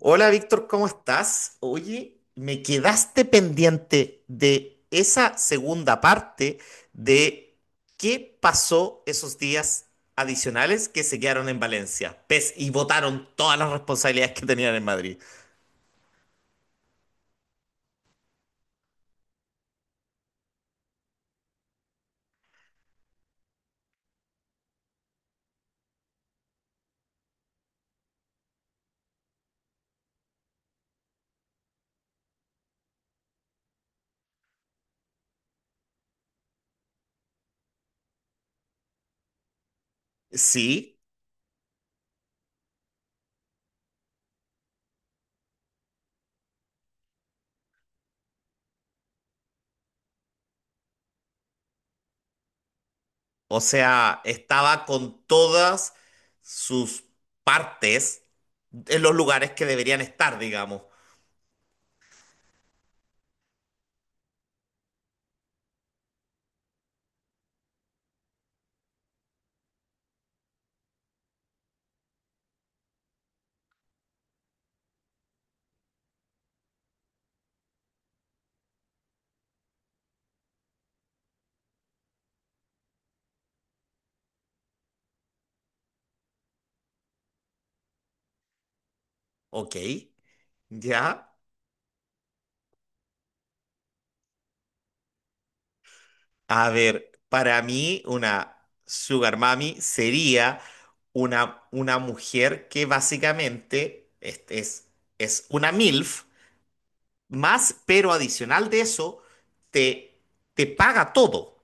Hola Víctor, ¿cómo estás? Oye, me quedaste pendiente de esa segunda parte de qué pasó esos días adicionales que se quedaron en Valencia, pes y votaron todas las responsabilidades que tenían en Madrid. Sí, o sea, estaba con todas sus partes en los lugares que deberían estar, digamos. Ok, ya. A ver, para mí una sugar mami sería una mujer que básicamente es una MILF, más, pero adicional de eso, te, te paga todo.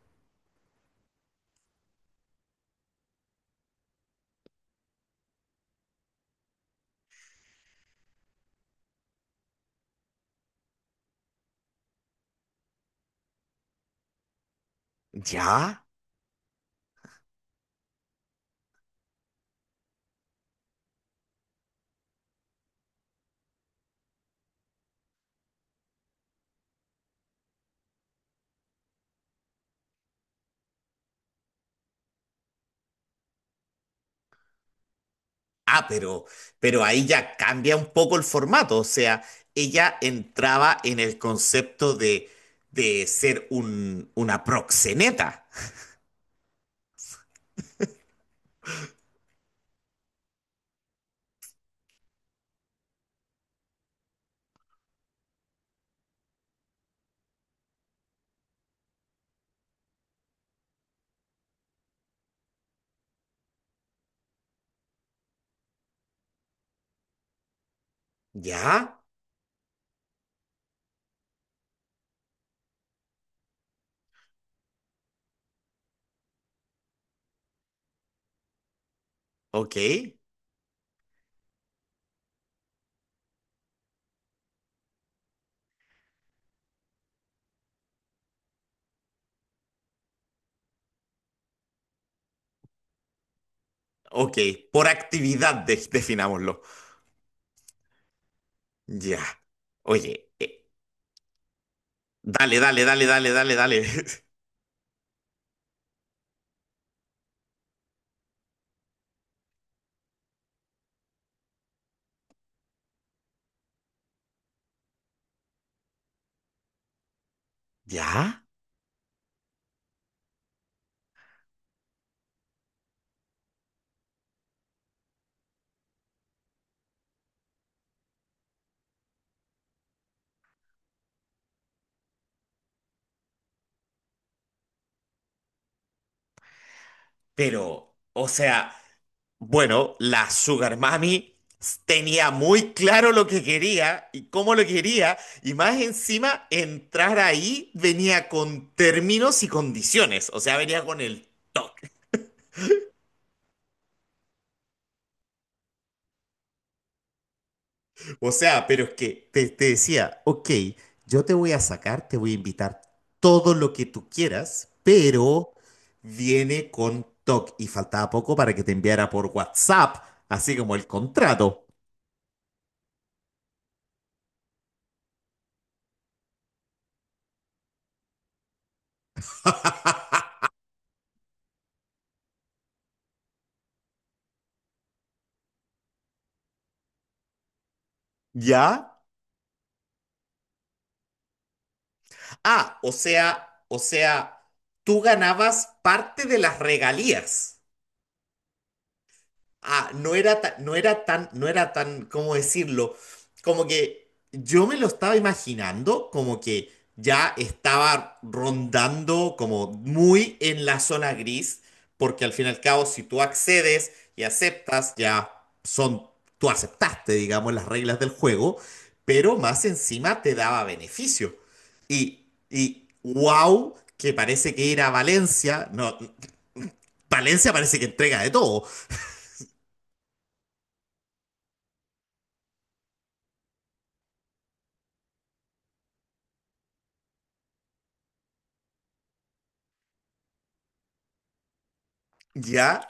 ¿Ya? Ah, pero ahí ya cambia un poco el formato. O sea, ella entraba en el concepto de ser una proxeneta. ¿Ya? Ok, ok. Por actividad, definámoslo. Ya. Oye, dale, dale, dale, dale, dale, dale. ¿Ya? Pero, o sea, bueno, la Sugar Mami tenía muy claro lo que quería y cómo lo quería, y más encima, entrar ahí venía con términos y condiciones, o sea, venía con el toque. O sea, pero es que te decía, ok, yo te voy a sacar, te voy a invitar todo lo que tú quieras, pero viene con TOC y faltaba poco para que te enviara por WhatsApp, así como el contrato. ¿Ya? Ah, o sea, tú ganabas parte de las regalías. Ah, no era tan, ¿cómo decirlo? Como que yo me lo estaba imaginando, como que ya estaba rondando como muy en la zona gris, porque al fin y al cabo, si tú accedes y aceptas, ya son, tú aceptaste, digamos, las reglas del juego, pero más encima te daba beneficio. Y wow, que parece que ir a Valencia, no, Valencia parece que entrega de todo, ¿ya?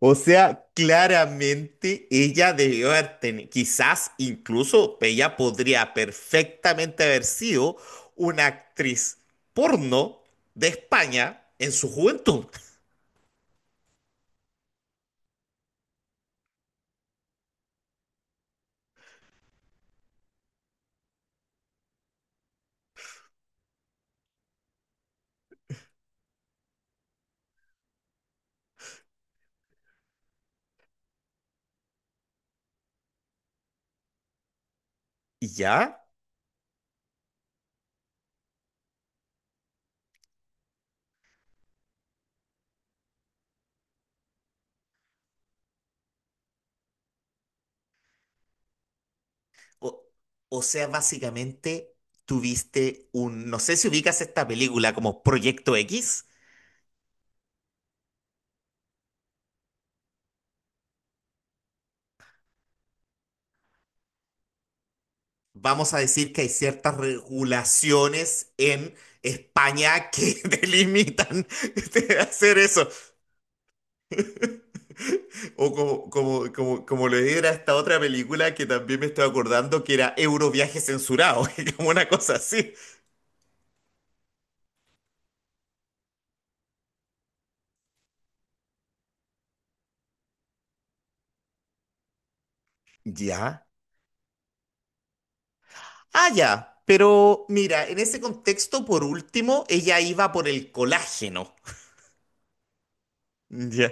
O sea, claramente ella debió haber tenido, quizás incluso ella podría perfectamente haber sido una actriz porno de España en su juventud. ¿Y ya? O, o sea, básicamente tuviste un, no sé si ubicas esta película como Proyecto X. Vamos a decir que hay ciertas regulaciones en España que delimitan de hacer eso. O como le era esta otra película que también me estoy acordando que era Euroviaje censurado, que como una cosa así. Ya. Ah, ya. Pero mira, en ese contexto, por último, ella iba por el colágeno. Ya.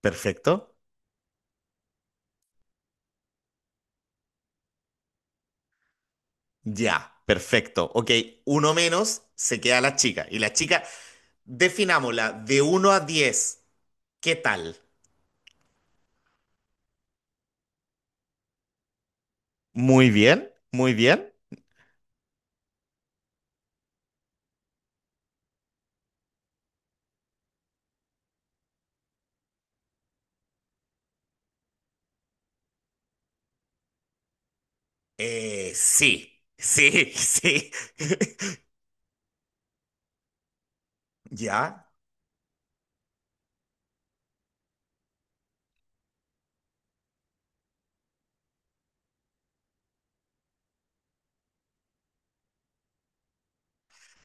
Perfecto. Ya. Perfecto. Ok, uno menos, se queda la chica. Y la chica, definámosla, de uno a 10, ¿qué tal? Muy bien, muy bien. Sí, sí, sí. Ya,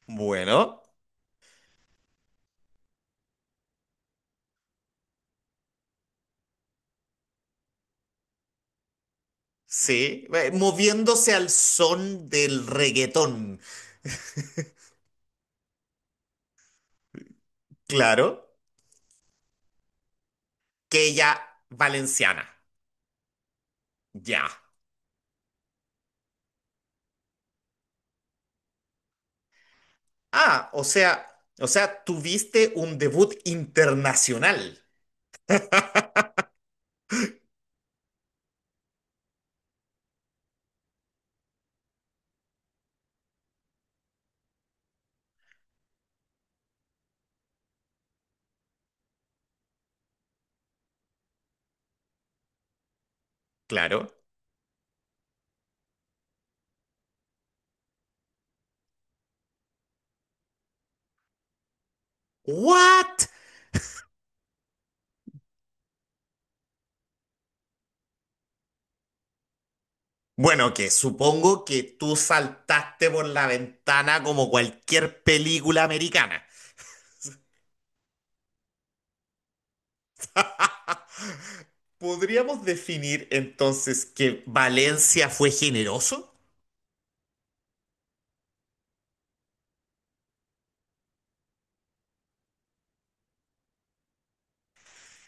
bueno, sí, moviéndose al son del reggaetón, claro, que ella valenciana, ya. Ah, o sea, tuviste un debut internacional, claro. ¿What? Bueno, que supongo que tú saltaste por la ventana como cualquier película americana. ¿Podríamos definir entonces que Valencia fue generoso?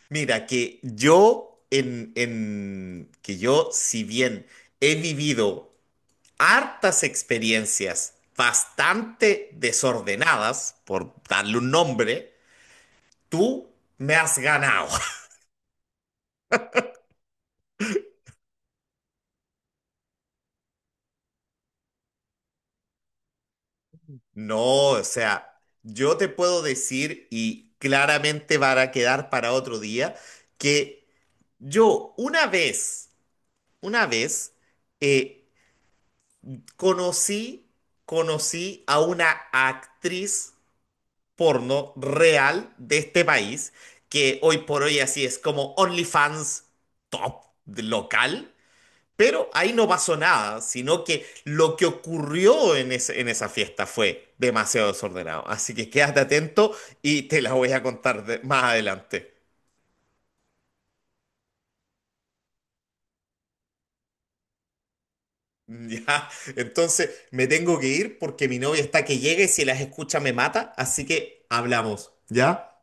Mira, que yo en, que yo, si bien he vivido hartas experiencias bastante desordenadas, por darle un nombre, tú me has ganado. No, o sea, yo te puedo decir, y claramente va a quedar para otro día, que yo una vez, eh, conocí, conocí a una actriz porno real de este país, que hoy por hoy así es como OnlyFans top local. Pero ahí no pasó nada, sino que lo que ocurrió en esa fiesta fue demasiado desordenado. Así que quédate atento y te la voy a contar más adelante. Ya, entonces me tengo que ir porque mi novia está que llega y si las escucha me mata, así que hablamos. ¿Ya?